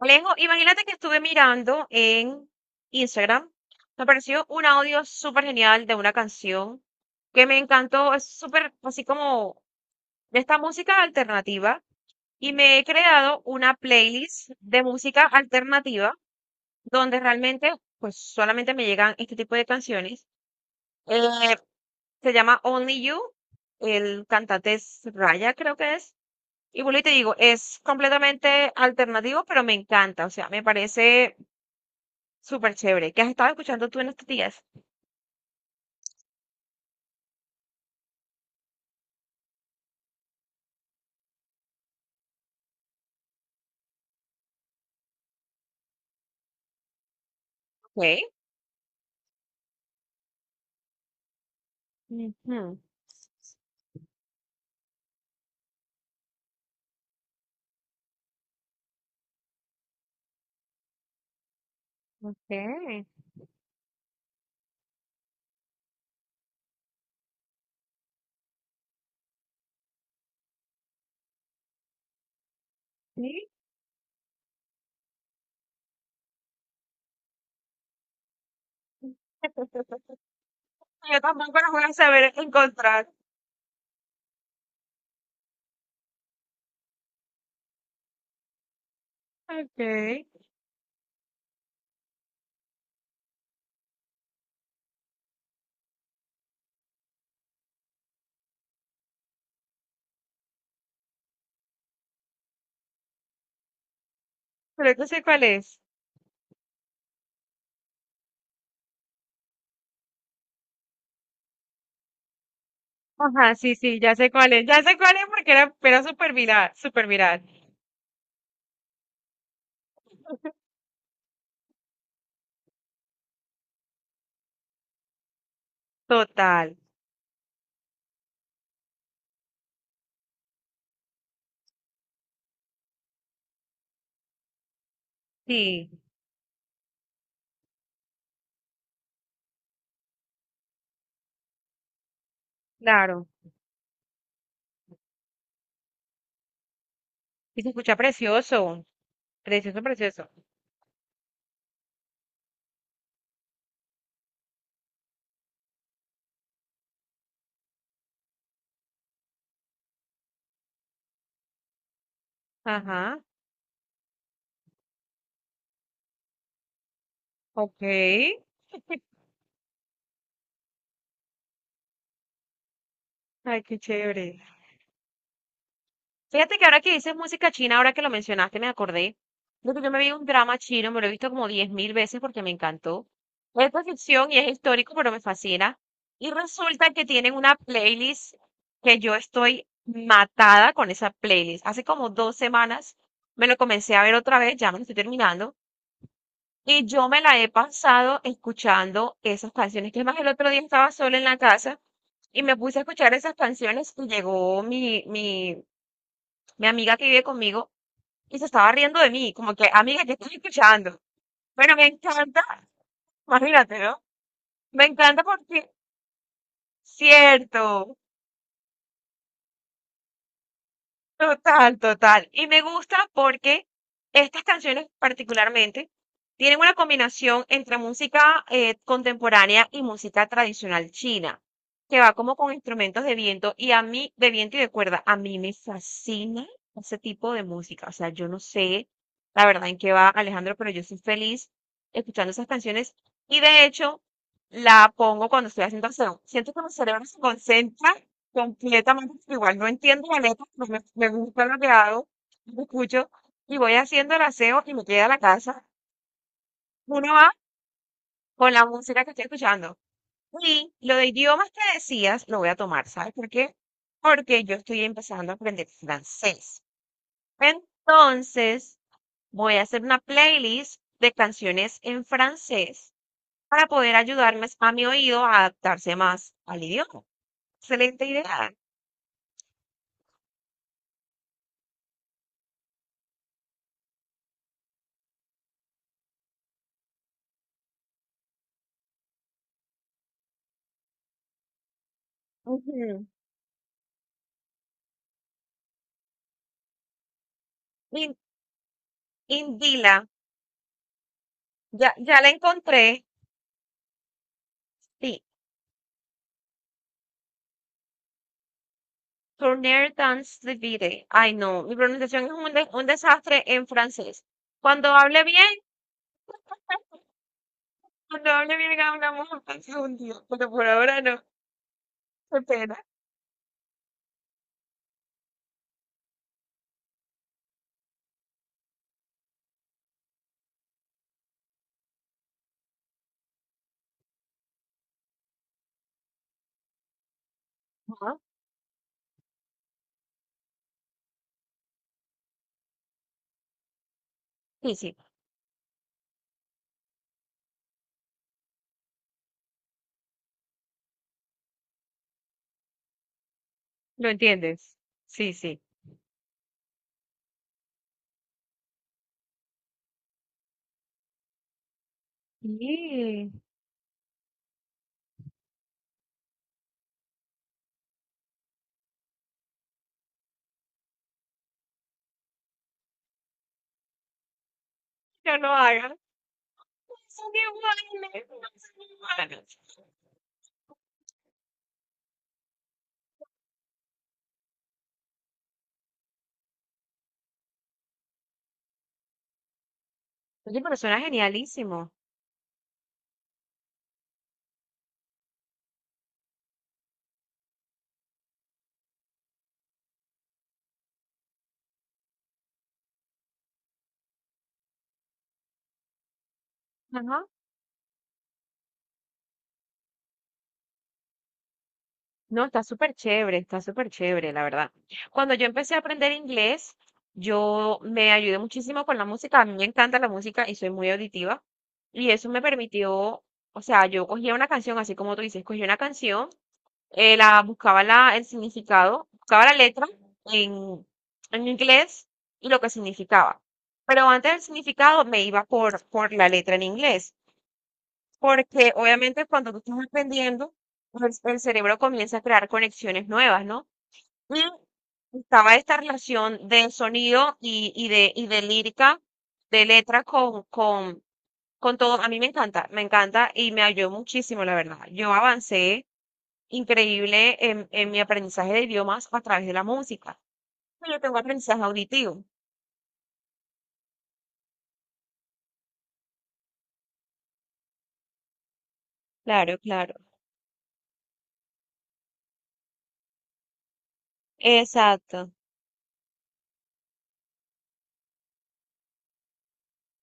Alejo, imagínate que estuve mirando en Instagram, me apareció un audio súper genial de una canción que me encantó, es súper así como de esta música alternativa y me he creado una playlist de música alternativa donde realmente pues solamente me llegan este tipo de canciones. Eh, Se llama Only You, el cantante es Raya creo que es. Y vuelvo y te digo, es completamente alternativo, pero me encanta, o sea, me parece súper chévere. ¿Qué has estado escuchando tú en estos días? Ok. Ujú, ok. Sí. Yo tampoco lo voy a saber encontrar. Ok. Pero que sé cuál es. Ajá, sí, sí, ya sé cuál es. Ya sé cuál es porque era súper viral, súper viral. Total. Sí, claro. Y se escucha precioso. Precioso, precioso. Ajá. Ok. Ay, qué chévere. Fíjate que ahora que dices música china, ahora que lo mencionaste, me acordé de que yo me vi un drama chino, me lo he visto como 10.000 veces porque me encantó. Es de ficción y es histórico, pero me fascina. Y resulta que tienen una playlist que yo estoy matada con esa playlist. Hace como 2 semanas me lo comencé a ver otra vez, ya me lo estoy terminando. Y yo me la he pasado escuchando esas canciones. Que es más, el otro día estaba sola en la casa y me puse a escuchar esas canciones y llegó mi amiga que vive conmigo, y se estaba riendo de mí, como que, amiga, ¿qué estás escuchando? Bueno, me encanta, imagínate, ¿no? Me encanta porque, cierto, total, total. Y me gusta porque estas canciones particularmente tienen una combinación entre música contemporánea y música tradicional china, que va como con instrumentos de viento y a mí, de viento y de cuerda, a mí me fascina ese tipo de música. O sea, yo no sé la verdad en qué va Alejandro, pero yo soy feliz escuchando esas canciones y de hecho la pongo cuando estoy haciendo acción. Siento que mi cerebro se concentra completamente igual. No entiendo la letra, pero me gusta lo que hago, no lo escucho y voy haciendo el aseo y me queda a la casa. Uno va con la música que estoy escuchando. Y lo de idiomas que decías, lo voy a tomar, ¿sabes por qué? Porque yo estoy empezando a aprender francés. Entonces, voy a hacer una playlist de canciones en francés para poder ayudarme a mi oído a adaptarse más al idioma. Excelente idea. Ujú. In- Indila, ya, ya la encontré. Sí, Tourneur dans le vide. Ay, no, mi pronunciación es un desastre en francés. Cuando hable bien, cuando hable bien hablamos entonces un día, pero por ahora no. Qué pena. Ajá. Sí, sí, lo entiendes. Sí, sí. Sí. No lo hagas. No son iguales, no son iguales. Oye, pero suena genialísimo. Ajá. No, está súper chévere, la verdad. Cuando yo empecé a aprender inglés, yo me ayudé muchísimo con la música. A mí me encanta la música y soy muy auditiva. Y eso me permitió, o sea, yo cogía una canción, así como tú dices, cogía una canción, la buscaba el significado, buscaba la letra en, en, inglés y lo que significaba. Pero antes del significado me iba por la letra en inglés. Porque obviamente cuando tú estás aprendiendo, pues, cerebro comienza a crear conexiones nuevas, ¿no? Y estaba esta relación de sonido y de lírica, de letra con todo. A mí me encanta y me ayudó muchísimo, la verdad. Yo avancé increíble en, mi aprendizaje de idiomas a través de la música. Yo tengo aprendizaje auditivo. Claro, claro. Exacto.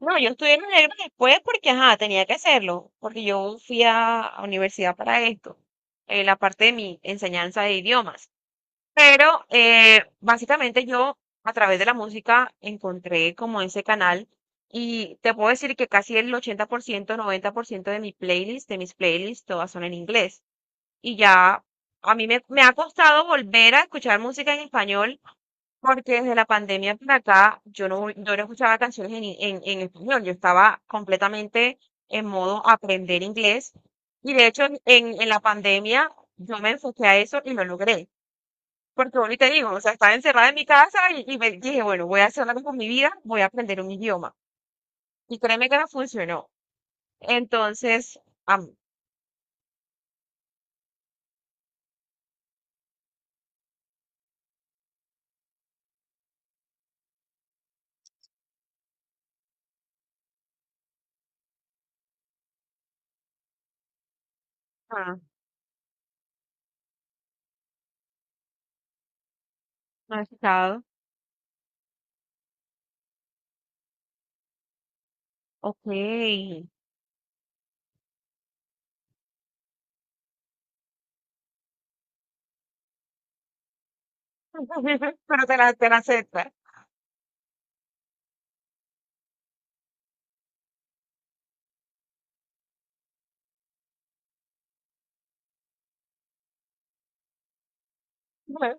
No, yo estudié en el negro después porque, ajá, tenía que hacerlo, porque yo fui a universidad para esto, la parte de mi enseñanza de idiomas. Pero básicamente yo a través de la música encontré como ese canal y te puedo decir que casi el 80%, 90% de mi playlist, de mis playlists, todas son en inglés. Y ya a mí me ha costado volver a escuchar música en español porque desde la pandemia para acá yo no escuchaba canciones en, en español, yo estaba completamente en modo aprender inglés y de hecho en, en la pandemia yo me enfoqué a eso y lo logré. Porque ahorita te digo, o sea, estaba encerrada en mi casa y me dije, bueno, voy a hacer algo con mi vida, voy a aprender un idioma. Y créeme que no funcionó. Entonces, am- ah, no he escuchado. Ok. Pero te la acepta. Bueno,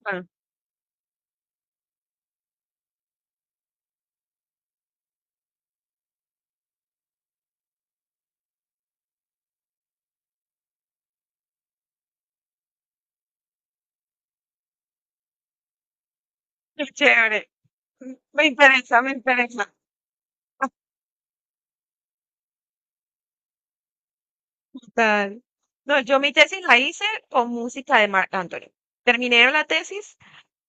bueno, qué chévere. Me interesa, me interesa. Total. No, yo mi tesis la hice con música de Marc Anthony. Terminé la tesis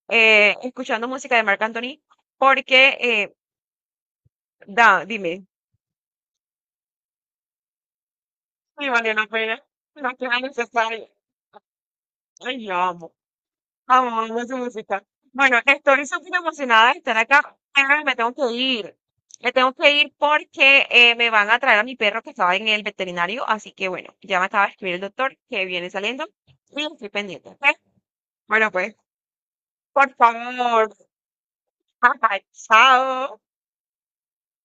escuchando música de Marc Anthony porque, dime. Sí, valió la pena. No que era necesario. Ay, yo amo. Amo, amo su música. Bueno, estoy súper emocionada de estar acá, pero me tengo que ir. Me tengo que ir porque me van a traer a mi perro que estaba en el veterinario. Así que bueno, ya me acaba de escribir el doctor que viene saliendo y estoy pendiente. ¿Ok? Bueno, pues, por favor, papá, chao.